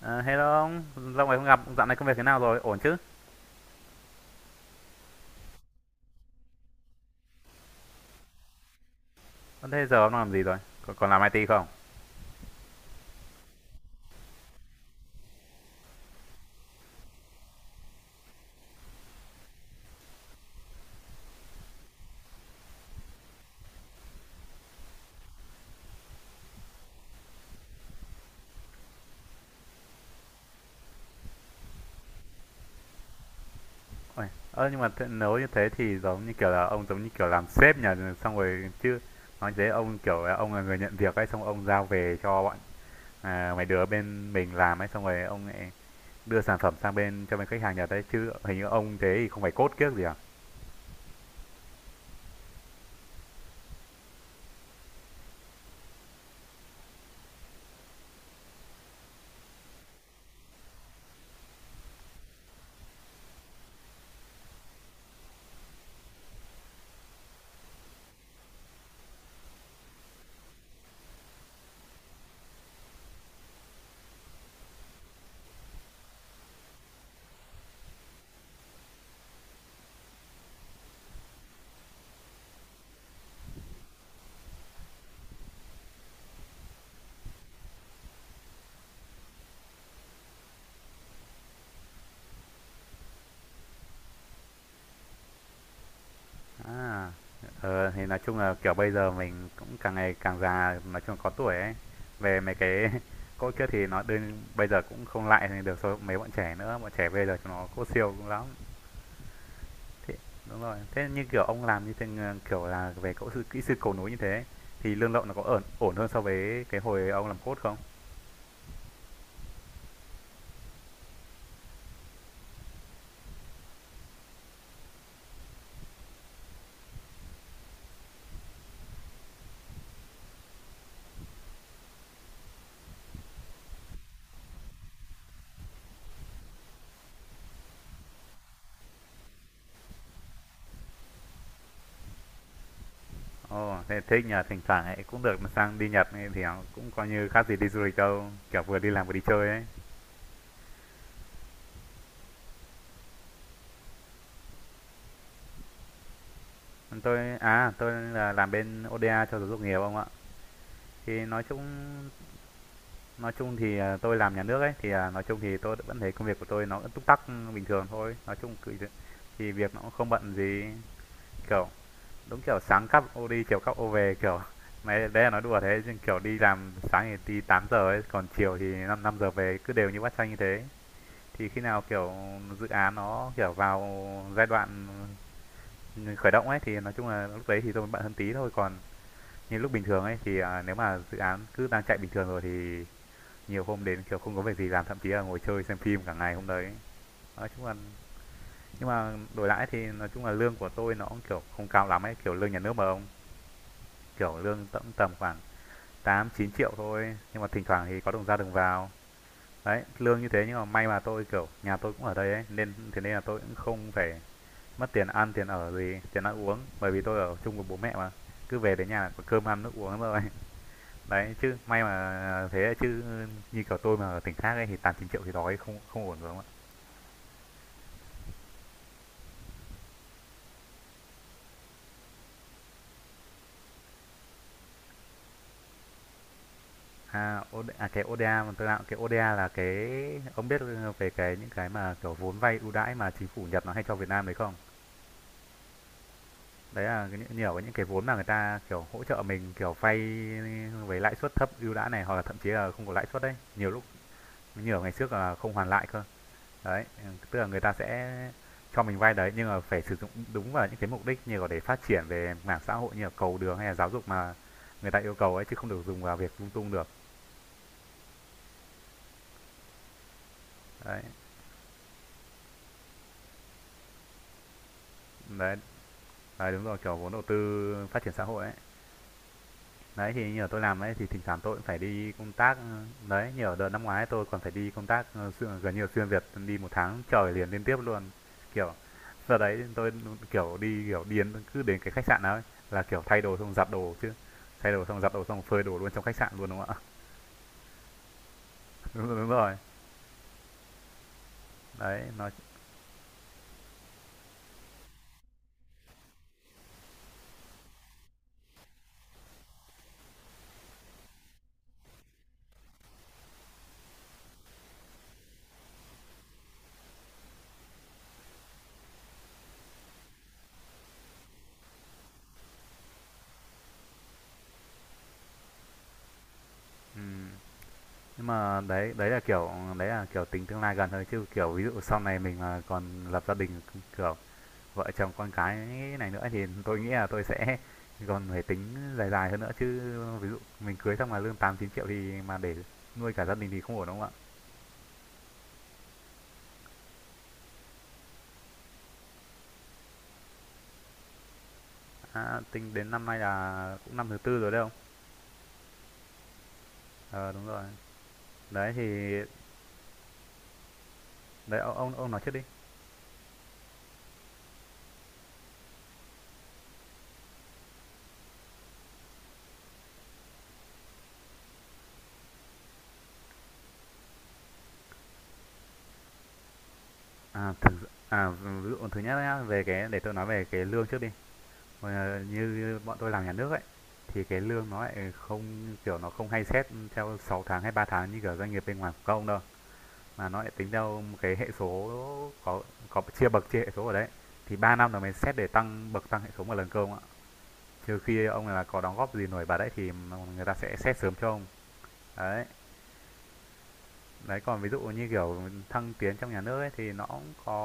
Ờ, Hello ông, lâu ngày không gặp. Dạo này công việc thế nào rồi? Ổn chứ? Ờ, Thế giờ ông đang làm gì rồi? Còn làm IT không? Ôi, ơ nhưng mà thế, nếu như thế thì giống như kiểu là ông giống như kiểu làm sếp nhỉ, xong rồi chứ, nói thế ông kiểu là ông là người nhận việc ấy, xong ông giao về cho bọn, à, mấy đứa bên mình làm ấy, xong rồi ông lại đưa sản phẩm sang bên cho bên khách hàng Nhật đấy chứ, hình như ông thế thì không phải cốt kiếc gì à? À, ờ, thì nói chung là, kiểu, bây giờ mình cũng càng ngày càng già, nói chung là có tuổi ấy, về mấy cái cỗ kiếc thì nó đương bây giờ cũng không lại thì được so với mấy bọn trẻ nữa, bọn trẻ bây giờ chúng nó cỗ siêu cũng lắm. Thế đúng rồi, thế như kiểu ông làm như thế, ờ, kiểu là, về cỗ sư kỹ sư cầu núi như thế thì lương lậu nó có ổn ổn hơn so với cái hồi ông làm cốt không? Ồ, thế thích nhỉ, thỉnh thoảng ấy cũng được mà sang đi Nhật ấy thì nó cũng coi như khác gì đi du lịch đâu, kiểu vừa đi làm vừa đi chơi ấy. Tôi à, tôi là làm bên ODA cho giáo dục nghề ông ạ. Thì nói chung thì, à, tôi làm nhà nước ấy, thì, à, nói chung thì tôi vẫn thấy công việc của tôi nó vẫn túc tắc, ừ, bình thường thôi. Nói chung cứ thì việc nó cũng không bận gì, kiểu, đúng kiểu sáng cắp ô đi, chiều cắp ô về, kiểu mấy đấy là nói đùa thế, chứ, kiểu, đi làm sáng thì đi tám giờ ấy, còn chiều thì 5 năm năm giờ về, cứ đều như bát canh như thế. Thì khi nào, kiểu, dự án nó, kiểu, vào giai đoạn khởi động ấy, thì nói chung là lúc đấy thì tôi mới bận hơn tí thôi. Còn như lúc bình thường ấy thì, à, nếu mà dự án cứ đang chạy bình thường rồi thì nhiều hôm đến kiểu không có việc gì làm, thậm chí là ngồi chơi xem phim cả ngày hôm đấy. Nói chung là nhưng mà đổi lại thì nói chung là lương của tôi nó cũng kiểu không cao lắm ấy, kiểu lương nhà nước mà ông, kiểu lương tầm tầm khoảng 8 9 triệu thôi, nhưng mà thỉnh thoảng thì có đồng ra đồng vào. Đấy, lương như thế nhưng mà may mà tôi kiểu nhà tôi cũng ở đây ấy, nên thế nên là tôi cũng không phải mất tiền ăn tiền ở gì, tiền ăn uống, bởi vì tôi ở chung với bố mẹ mà, cứ về đến nhà là có cơm ăn nước uống rồi. Đấy chứ may mà thế, chứ như kiểu tôi mà ở tỉnh khác ấy thì tám chín triệu thì đói, không không ổn rồi không ạ. À, OD à, cái ODA mà tôi đạo, cái ODA là cái, ông biết về cái những cái mà, kiểu, vốn vay ưu đãi mà chính phủ Nhật nó hay cho Việt Nam đấy không? Đấy là cái những nhiều cái những cái vốn mà người ta, kiểu, hỗ trợ mình, kiểu, vay với lãi suất thấp ưu đãi này, hoặc là thậm chí là không có lãi suất đấy. Nhiều lúc nhiều ngày trước là không hoàn lại cơ. Đấy, ừ, tức là người ta sẽ cho mình vay đấy, nhưng mà phải sử dụng đúng vào những cái mục đích như là để phát triển về mảng xã hội như là cầu đường hay là giáo dục mà người ta yêu cầu ấy, chứ không được dùng vào việc lung tung được. Đấy, đấy. Đấy, đúng rồi, kiểu vốn đầu tư phát triển xã hội ấy. Đấy, thì như là tôi làm ấy, thì thỉnh thoảng tôi cũng phải đi công tác, ừ, đấy, như ở đợt năm ngoái tôi còn phải đi công tác, ơ, xuyên gần như là xuyên Việt, đi một tháng trời liền liên tiếp luôn. Kiểu, giờ đấy tôi, kiểu, đi đến cứ đến cái khách sạn nào ấy, là, kiểu, thay đồ xong giặt đồ chứ, thay đồ xong giặt đồ xong phơi đồ luôn trong khách sạn luôn, đúng không ạ? Đúng rồi. Đấy, nói ừm, nhưng mà đấy đấy là, kiểu, đấy là, kiểu, tính tương lai gần thôi, chứ, kiểu, ví dụ sau này mình mà còn lập gia đình, kiểu vợ chồng con cái này nữa, thì tôi nghĩ là tôi sẽ còn phải tính dài dài hơn nữa chứ. Ví dụ mình cưới xong mà lương 8 9 triệu thì mà để nuôi cả gia đình thì không ổn đúng không ạ? À, tính đến năm nay là cũng năm thứ tư rồi đấy không? Ờ à, đúng rồi. Đấy thì đấy, ông nói trước đi. À thực à, ví dụ thứ nhất nhá, về cái để tôi nói về cái lương trước đi. Ờ, như, như bọn tôi làm nhà nước ấy thì cái lương nó lại không kiểu nó không hay xét theo 6 tháng hay 3 tháng như kiểu doanh nghiệp bên ngoài của công đâu, mà nó lại tính theo một cái hệ số có chia bậc chia hệ số ở đấy, thì 3 năm là mình xét để tăng bậc tăng hệ số một lần cơ ông ạ, trừ khi ông là có đóng góp gì nổi bật đấy thì người ta sẽ xét sớm cho ông. Đấy, đấy còn ví dụ như kiểu thăng tiến trong nhà nước ấy thì nó cũng có,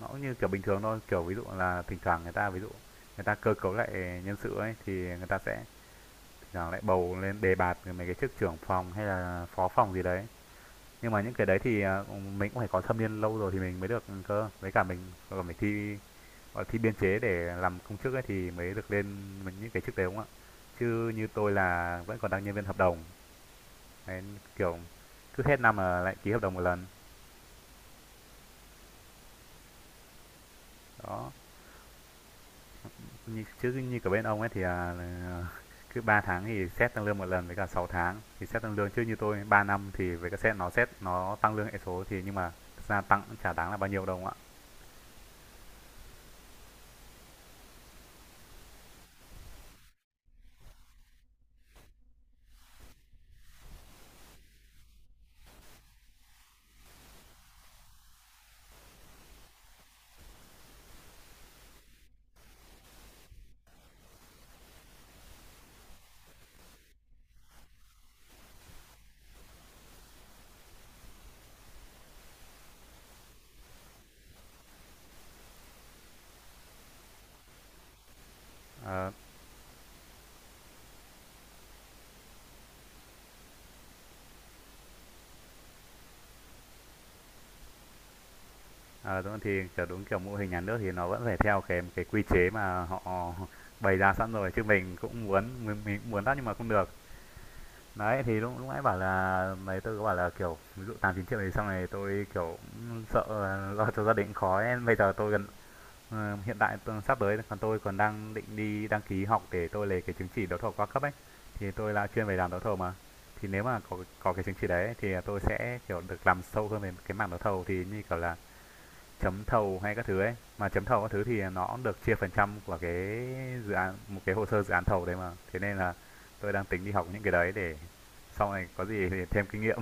nó cũng như kiểu bình thường thôi, kiểu ví dụ là thỉnh thoảng người ta ví dụ người ta cơ cấu lại nhân sự ấy thì người ta sẽ thỉnh thoảng lại bầu lên đề bạt mấy cái chức trưởng phòng hay là phó phòng gì đấy. Nhưng mà những cái đấy thì, à, mình cũng phải có thâm niên lâu rồi thì mình mới được cơ. Với cả mình còn phải thi, gọi thi biên chế để làm công chức ấy, thì mới được lên mấy những cái chức đấy, đúng không ạ? Chứ như tôi là vẫn còn đang nhân viên hợp đồng, đấy, kiểu, cứ hết năm là lại ký hợp đồng một lần. Đó, như chứ như cả bên ông ấy thì à, là, à, cứ 3 tháng thì xét tăng lương một lần với cả 6 tháng thì xét tăng lương, chứ như tôi 3 năm thì với cả xét nó tăng lương hệ số thì nhưng mà ra tăng cũng chả đáng là bao nhiêu đâu ạ. Ờ, ờ, đúng thì, kiểu, đúng kiểu mô hình nhà nước thì nó vẫn phải theo cái quy chế mà họ bày ra sẵn rồi, chứ mình cũng muốn lắm nhưng mà không được. Đấy, thì lúc lúc nãy bảo là mấy tôi có bảo là, kiểu, ví dụ 8, 9 triệu thì xong này tôi, kiểu, sợ lo cho gia đình khó ấy. Bây giờ tôi gần, ờ, hiện tại tôi sắp tới còn tôi còn đang định đi đăng ký học để tôi lấy cái chứng chỉ đấu thầu qua cấp ấy, thì tôi là chuyên về làm đấu thầu mà. Thì nếu mà có cái chứng chỉ đấy thì tôi sẽ, kiểu, được làm sâu hơn về cái mảng đấu thầu thì như kiểu là chấm thầu hay các thứ ấy, mà chấm thầu các thứ thì nó được chia phần trăm của cái dự án, một cái hồ sơ dự án thầu đấy, mà thế nên là tôi đang tính đi học những cái đấy để sau này có gì thì thêm kinh nghiệm.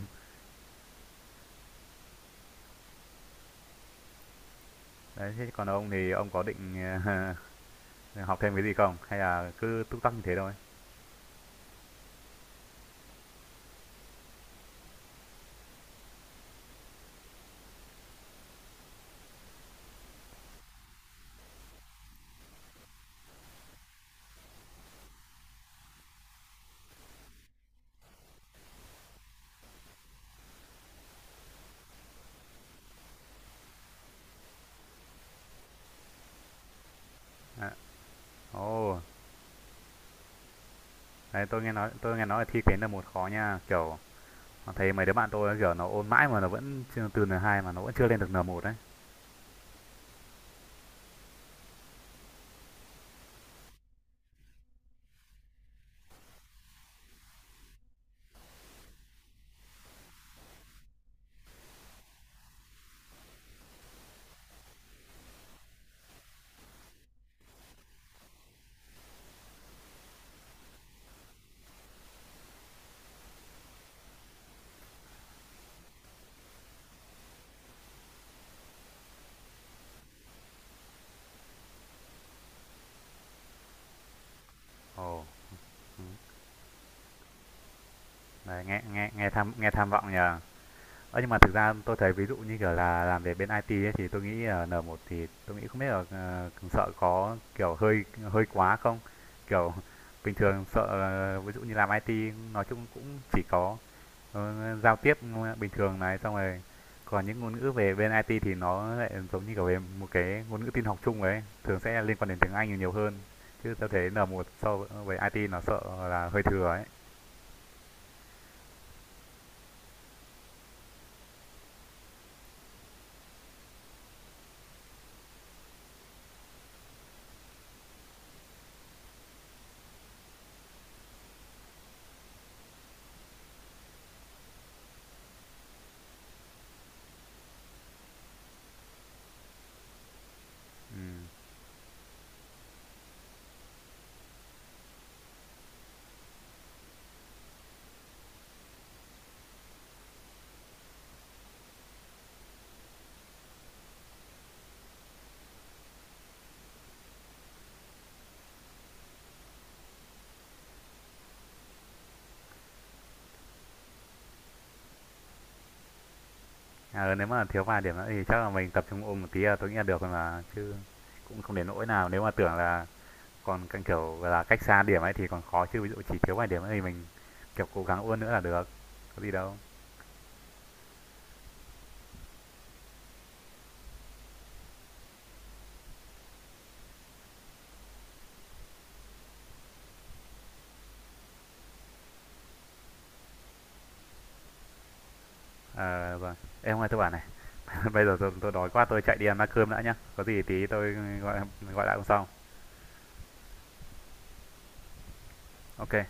Đấy, thế còn ông thì ông có định học thêm cái gì không hay là cứ túc tắc như thế thôi? Ồ à, ồ đấy, tôi nghe nói là thi cái N1 khó nha, kiểu thấy mấy đứa bạn tôi kiểu nó ôn mãi mà nó vẫn chưa, từ N2 mà nó vẫn chưa lên được N1 đấy. Ồ, ừ. Đấy, nghe nghe nghe tham vọng nhờ. Ơ, nhưng mà thực ra tôi thấy ví dụ như kiểu là làm về bên IT ấy, thì tôi nghĩ là N1 thì tôi nghĩ không biết là, ờ, sợ có, kiểu, hơi hơi quá không? Kiểu, bình thường sợ, ờ, ví dụ như làm IT nói chung cũng chỉ có, ờ, giao tiếp bình thường này, xong rồi còn những ngôn ngữ về bên IT thì nó lại giống như, kiểu, về một cái ngôn ngữ tin học chung ấy, thường sẽ liên quan đến tiếng Anh nhiều hơn, chứ tôi thấy N1 so với IT nó sợ là hơi thừa ấy. Ừm. Ờ, nếu mà thiếu vài điểm nữa thì chắc là mình tập trung ôm một tí là tôi nghĩ là được rồi mà. Chứ cũng không đến nỗi nào. Nếu mà tưởng là còn càng kiểu là cách xa điểm ấy thì còn khó. Chứ ví dụ chỉ thiếu vài điểm nữa thì mình kiểu cố gắng ôn nữa là được. Có gì đâu. Ờ, vâng. Ê, hôm tôi bảo này. Bây giờ tôi đói quá tôi chạy đi ăn bát cơm đã nhá. Có gì tí tôi gọi gọi lại hôm sau. Ok.